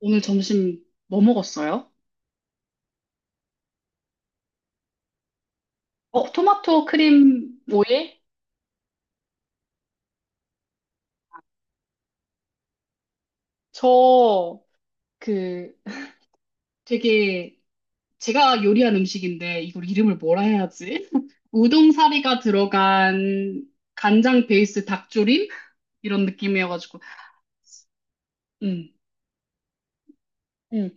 오늘 점심 뭐 먹었어요? 어, 토마토 크림 오일? 저, 그, 되게, 제가 요리한 음식인데, 이걸 이름을 뭐라 해야지? 우동사리가 들어간 간장 베이스 닭조림? 이런 느낌이어가지고, 음, 음.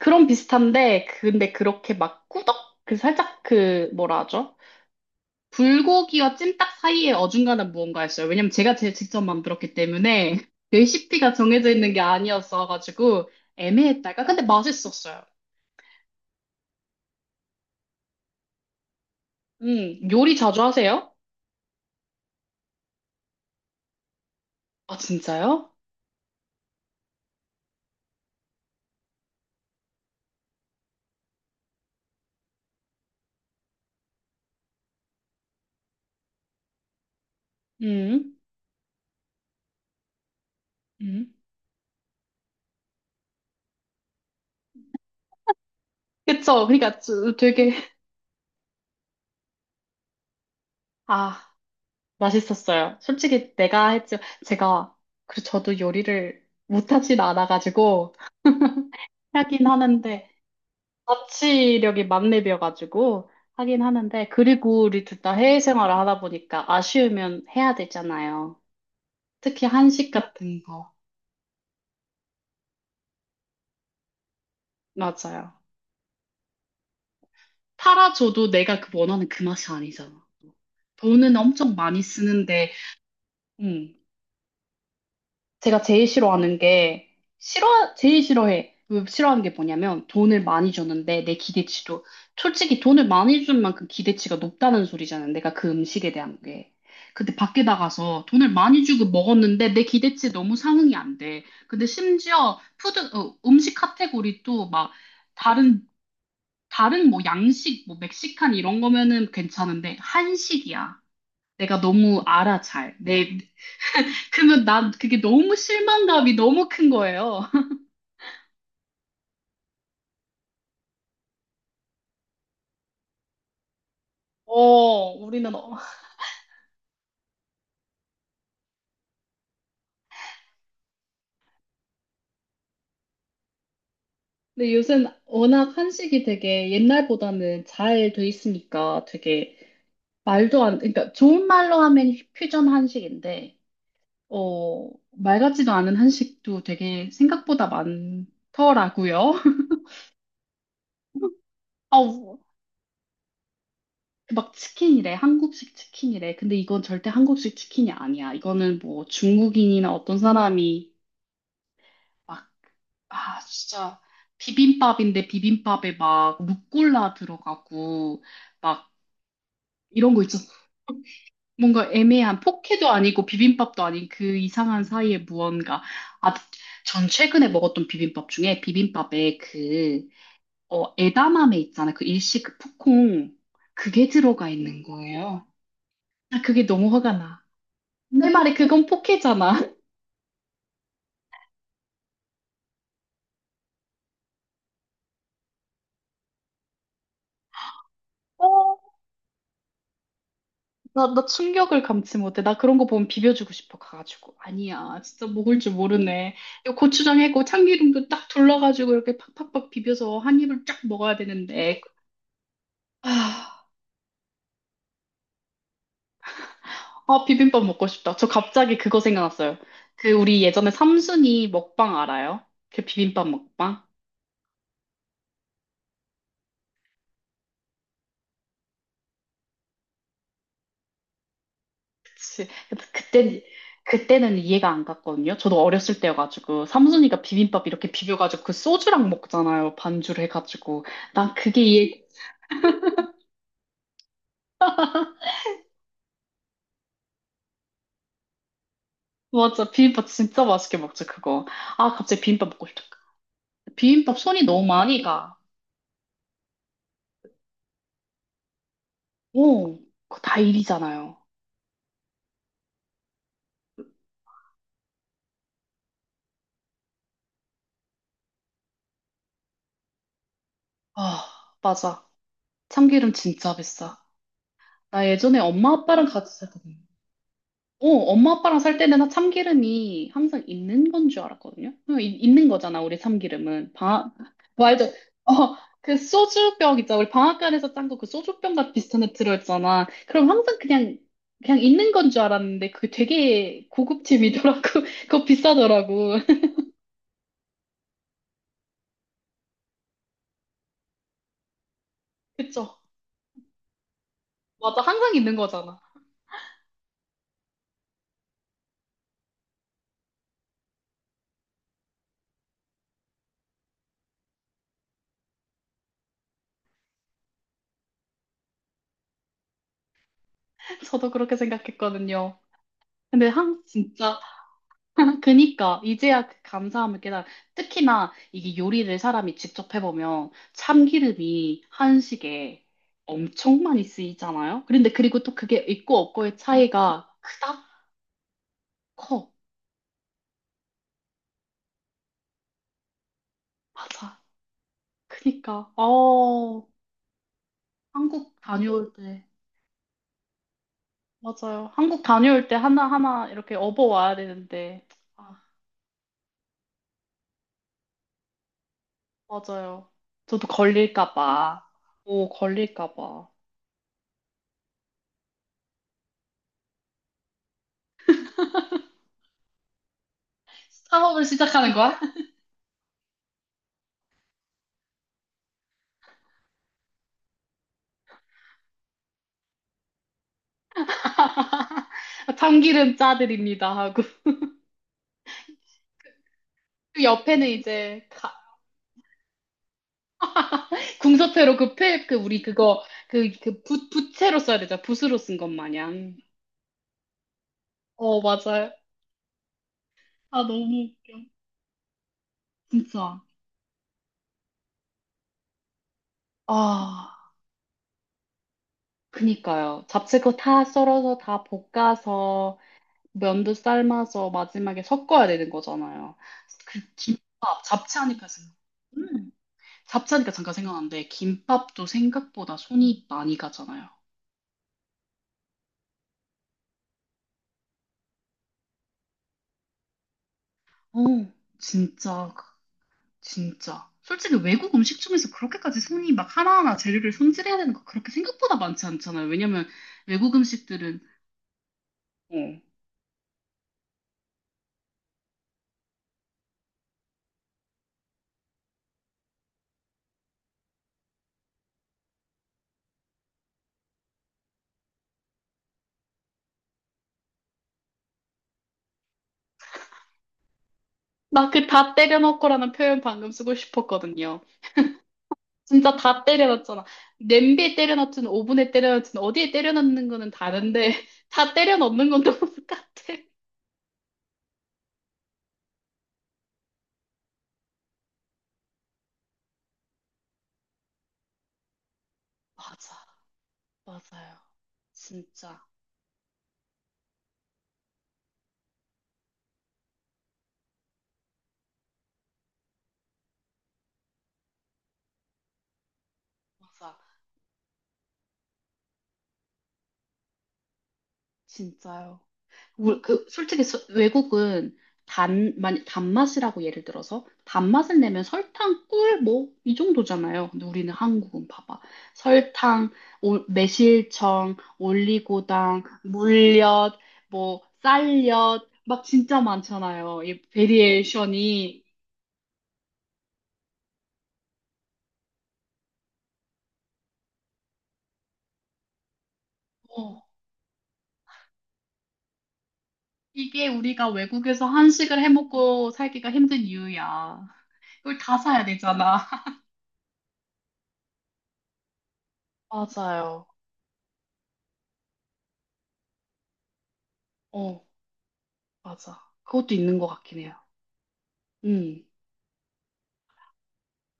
그런 비슷한데, 근데 그렇게 막 꾸덕? 그 살짝 그, 뭐라 하죠? 불고기와 찜닭 사이에 어중간한 무언가였어요. 왜냐면 제가 제 직접 만들었기 때문에 레시피가 정해져 있는 게 아니었어가지고 애매했다가 근데 맛있었어요. 요리 자주 하세요? 아, 진짜요? 음, 음. 그쵸. 그러니까 아, 맛있었어요. 솔직히 내가 했죠. 제가 그 저도 요리를 못하진 않아가지고 하긴 하는데 자치력이 만렙이어가지고 하긴 하는데 그리고 우리 둘 다 해외 생활을 하다 보니까 아쉬우면 해야 되잖아요. 특히 한식 같은 거. 맞아요. 팔아줘도 내가 그 원하는 그 맛이 아니잖아. 돈은 엄청 많이 쓰는데, 응. 제가 제일 싫어하는 게, 싫어, 제일 싫어해. 왜 싫어하는 게 뭐냐면, 돈을 많이 주는데, 내 기대치도, 솔직히 돈을 많이 준 만큼 기대치가 높다는 소리잖아요. 내가 그 음식에 대한 게. 근데 밖에 나가서 돈을 많이 주고 먹었는데, 내 기대치에 너무 상응이 안 돼. 근데 심지어, 푸드, 어, 음식 카테고리도 막, 다른, 다른 뭐 양식, 뭐 멕시칸 이런 거면은 괜찮은데, 한식이야. 내가 너무 알아, 잘. 내 그러면 난 그게 너무 실망감이 너무 큰 거예요. 어, 우리는, 어. 근데 요새는 워낙 한식이 되게 옛날보다는 잘 돼 있으니까 되게 말도 안, 그러니까 좋은 말로 하면 퓨전 한식인데, 어, 말 같지도 않은 한식도 되게 생각보다 많더라고요. 아우, 막 치킨이래. 한국식 치킨이래. 근데 이건 절대 한국식 치킨이 아니야. 이거는 뭐 중국인이나 어떤 사람이 막, 아, 진짜, 비빔밥인데 비빔밥에 막 루꼴라 들어가고, 막, 이런 거 있잖아. 뭔가 애매한 포케도 아니고 비빔밥도 아닌 그 이상한 사이에 무언가. 아, 전 최근에 먹었던 비빔밥 중에 비빔밥에 그, 어, 에다마메 있잖아. 그 일식 그 푸콩. 그게 들어가 있는 거예요. 아, 그게 너무 화가 나. 내 말에 그건 포케잖아. 어, 나 충격을 감지 못해. 나 그런 거 보면 비벼주고 싶어. 가가지고. 아니야. 진짜 먹을 줄 모르네. 이거 고추장 해고 참기름도 딱 둘러가지고 이렇게 팍팍팍 비벼서 한 입을 쫙 먹어야 되는데. 아, 비빔밥 먹고 싶다. 저 갑자기 그거 생각났어요. 그 우리 예전에 삼순이 먹방 알아요? 그 비빔밥 먹방? 그치. 그때, 그때는 이해가 안 갔거든요. 저도 어렸을 때여가지고. 삼순이가 비빔밥 이렇게 비벼가지고 그 소주랑 먹잖아요. 반주를 해가지고. 난 그게 이해, 맞아. 비빔밥 진짜 맛있게 먹지, 그거. 아, 갑자기 비빔밥 먹고 싶다. 비빔밥 손이 너무 많이 가. 오, 그거 다 일이잖아요. 아, 맞아. 참기름 진짜 비싸. 나 예전에 엄마 아빠랑 같이 살거든. 어, 엄마 아빠랑 살 때는 참기름이 항상 있는 건 줄 알았거든요. 그냥 이- 있는 거잖아, 우리 참기름은. 방 말도, 어, 그 소주병 있잖아. 우리 방앗간에서 짠 거 그 소주병 같은 비슷한 데 들어있잖아. 그럼 항상 그냥, 그냥 있는 건 줄 알았는데 그게 되게 고급템이더라고. 그거 비싸더라고. 그쵸? 맞아, 항상 있는 거잖아. 저도 그렇게 생각했거든요. 근데 진짜. 그니까 이제야 그 감사함을 깨달아. 특히나 이게 요리를 사람이 직접 해보면 참기름이 한식에 엄청 많이 쓰이잖아요. 그런데 그리고 또 그게 있고 없고의 차이가 크다? 커. 맞아. 그니까 한국 다녀올 때 맞아요. 한국 다녀올 때 하나하나 이렇게 업어와야 되는데 아 맞아요. 저도 걸릴까 봐. 오 걸릴까 봐. 사업을 시작하는 거야? 참기름 짜드립니다 하고 그 옆에는 이제 궁서체로 그 폐, 그 우리 그거 그, 그 붓, 붓채로 써야 되잖아 붓으로 쓴 것 마냥 어 맞아요 아 너무 웃겨 진짜 아 그니까요 잡채거 다 썰어서 다 볶아서 면도 삶아서 마지막에 섞어야 되는 거잖아요 그 김밥 잡채하니까 생각 음, 잡채하니까 잠깐 생각났는데 김밥도 생각보다 손이 많이 가잖아요 어 진짜 진짜. 솔직히 외국 음식 중에서 그렇게까지 손이 막 하나하나 재료를 손질해야 되는 거 그렇게 생각보다 많지 않잖아요. 왜냐면 외국 음식들은, 어. 나 그 다 때려넣고라는 표현 방금 쓰고 싶었거든요. 진짜 다 때려넣잖아. 냄비에 때려넣든 오븐에 때려넣든 어디에 때려넣는 거는 다른데 다 때려넣는 건 너무 똑같아. 맞아. 맞아요. 진짜. 맞아. 진짜요. 그 솔직히 외국은 단, 만 단맛이라고 예를 들어서 단맛을 내면 설탕, 꿀, 뭐 이 정도잖아요. 근데 우리는 한국은 봐봐. 설탕, 매실청, 올리고당, 물엿, 뭐 쌀엿 막 진짜 많잖아요. 이 베리에이션이 어, 이게 우리가 외국에서 한식을 해 먹고 살기가 힘든 이유야. 이걸 다 사야 되잖아. 맞아요. 어, 맞아. 그것도 있는 것 같긴 해요. 음,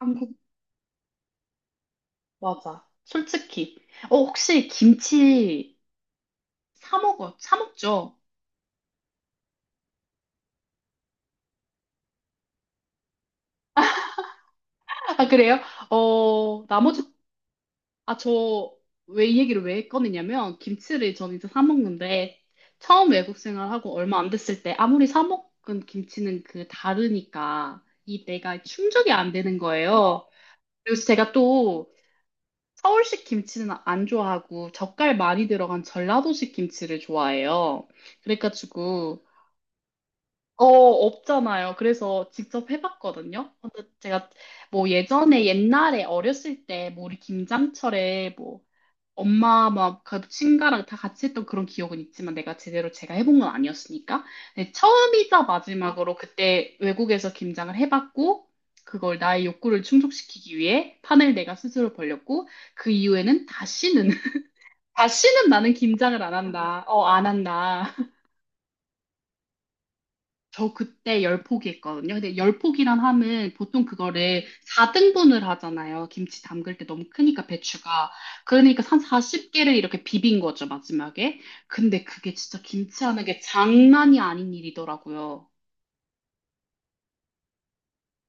한국, 맞아. 솔직히. 어, 혹시 김치 사 먹어? 사 먹죠? 아, 그래요? 어, 나머지, 아, 저, 왜 이 얘기를 왜 꺼내냐면, 김치를 저는 이제 사 먹는데, 처음 외국 생활하고 얼마 안 됐을 때, 아무리 사 먹은 김치는 그 다르니까, 이 내가 충족이 안 되는 거예요. 그리고 제가 또, 서울식 김치는 안 좋아하고, 젓갈 많이 들어간 전라도식 김치를 좋아해요. 그래가지고, 어, 없잖아요. 그래서 직접 해봤거든요. 근데 제가 뭐 예전에 옛날에 어렸을 때 뭐 우리 김장철에 뭐 엄마 막 그 친가랑 다 같이 했던 그런 기억은 있지만 내가 제대로 제가 해본 건 아니었으니까. 근데 처음이자 마지막으로 그때 외국에서 김장을 해봤고 그걸 나의 욕구를 충족시키기 위해 판을 내가 스스로 벌렸고 그 이후에는 다시는 다시는 나는 김장을 안 한다. 어, 안 한다. 저 그때 10포기 했거든요. 근데 10포기란 함은 보통 그거를 4등분을 하잖아요. 김치 담글 때 너무 크니까 배추가. 그러니까 한 40개를 이렇게 비빈 거죠, 마지막에. 근데 그게 진짜 김치 하는 게 장난이 아닌 일이더라고요.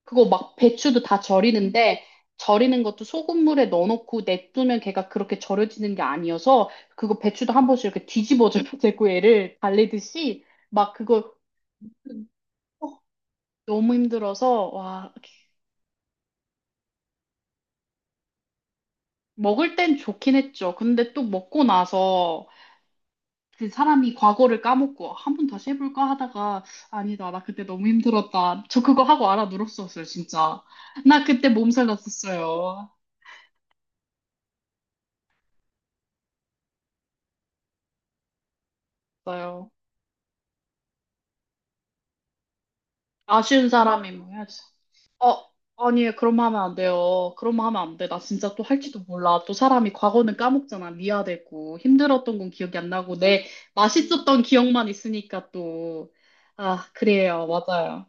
그거 막 배추도 다 절이는데, 절이는 것도 소금물에 넣어놓고 냅두면 걔가 그렇게 절여지는 게 아니어서, 그거 배추도 한 번씩 이렇게 뒤집어줘야 되고, 얘를 달래듯이, 막 그거, 어, 너무 힘들어서, 와, 먹을 땐 좋긴 했죠. 근데 또 먹고 나서 그 사람이 과거를 까먹고 한 번 다시 해볼까 하다가 아니다. 나 그때 너무 힘들었다. 저 그거 하고 알아 누렀었어요, 진짜. 나 그때 몸살 났었어요. 맞아요. 아쉬운 사람이 뭐 해야지. 어, 아니, 그럼 하면 안 돼요. 그럼 하면 안 돼. 나 진짜 또 할지도 몰라. 또 사람이 과거는 까먹잖아. 미화되고. 힘들었던 건 기억이 안 나고. 내 맛있었던 기억만 있으니까 또. 아, 그래요. 맞아요.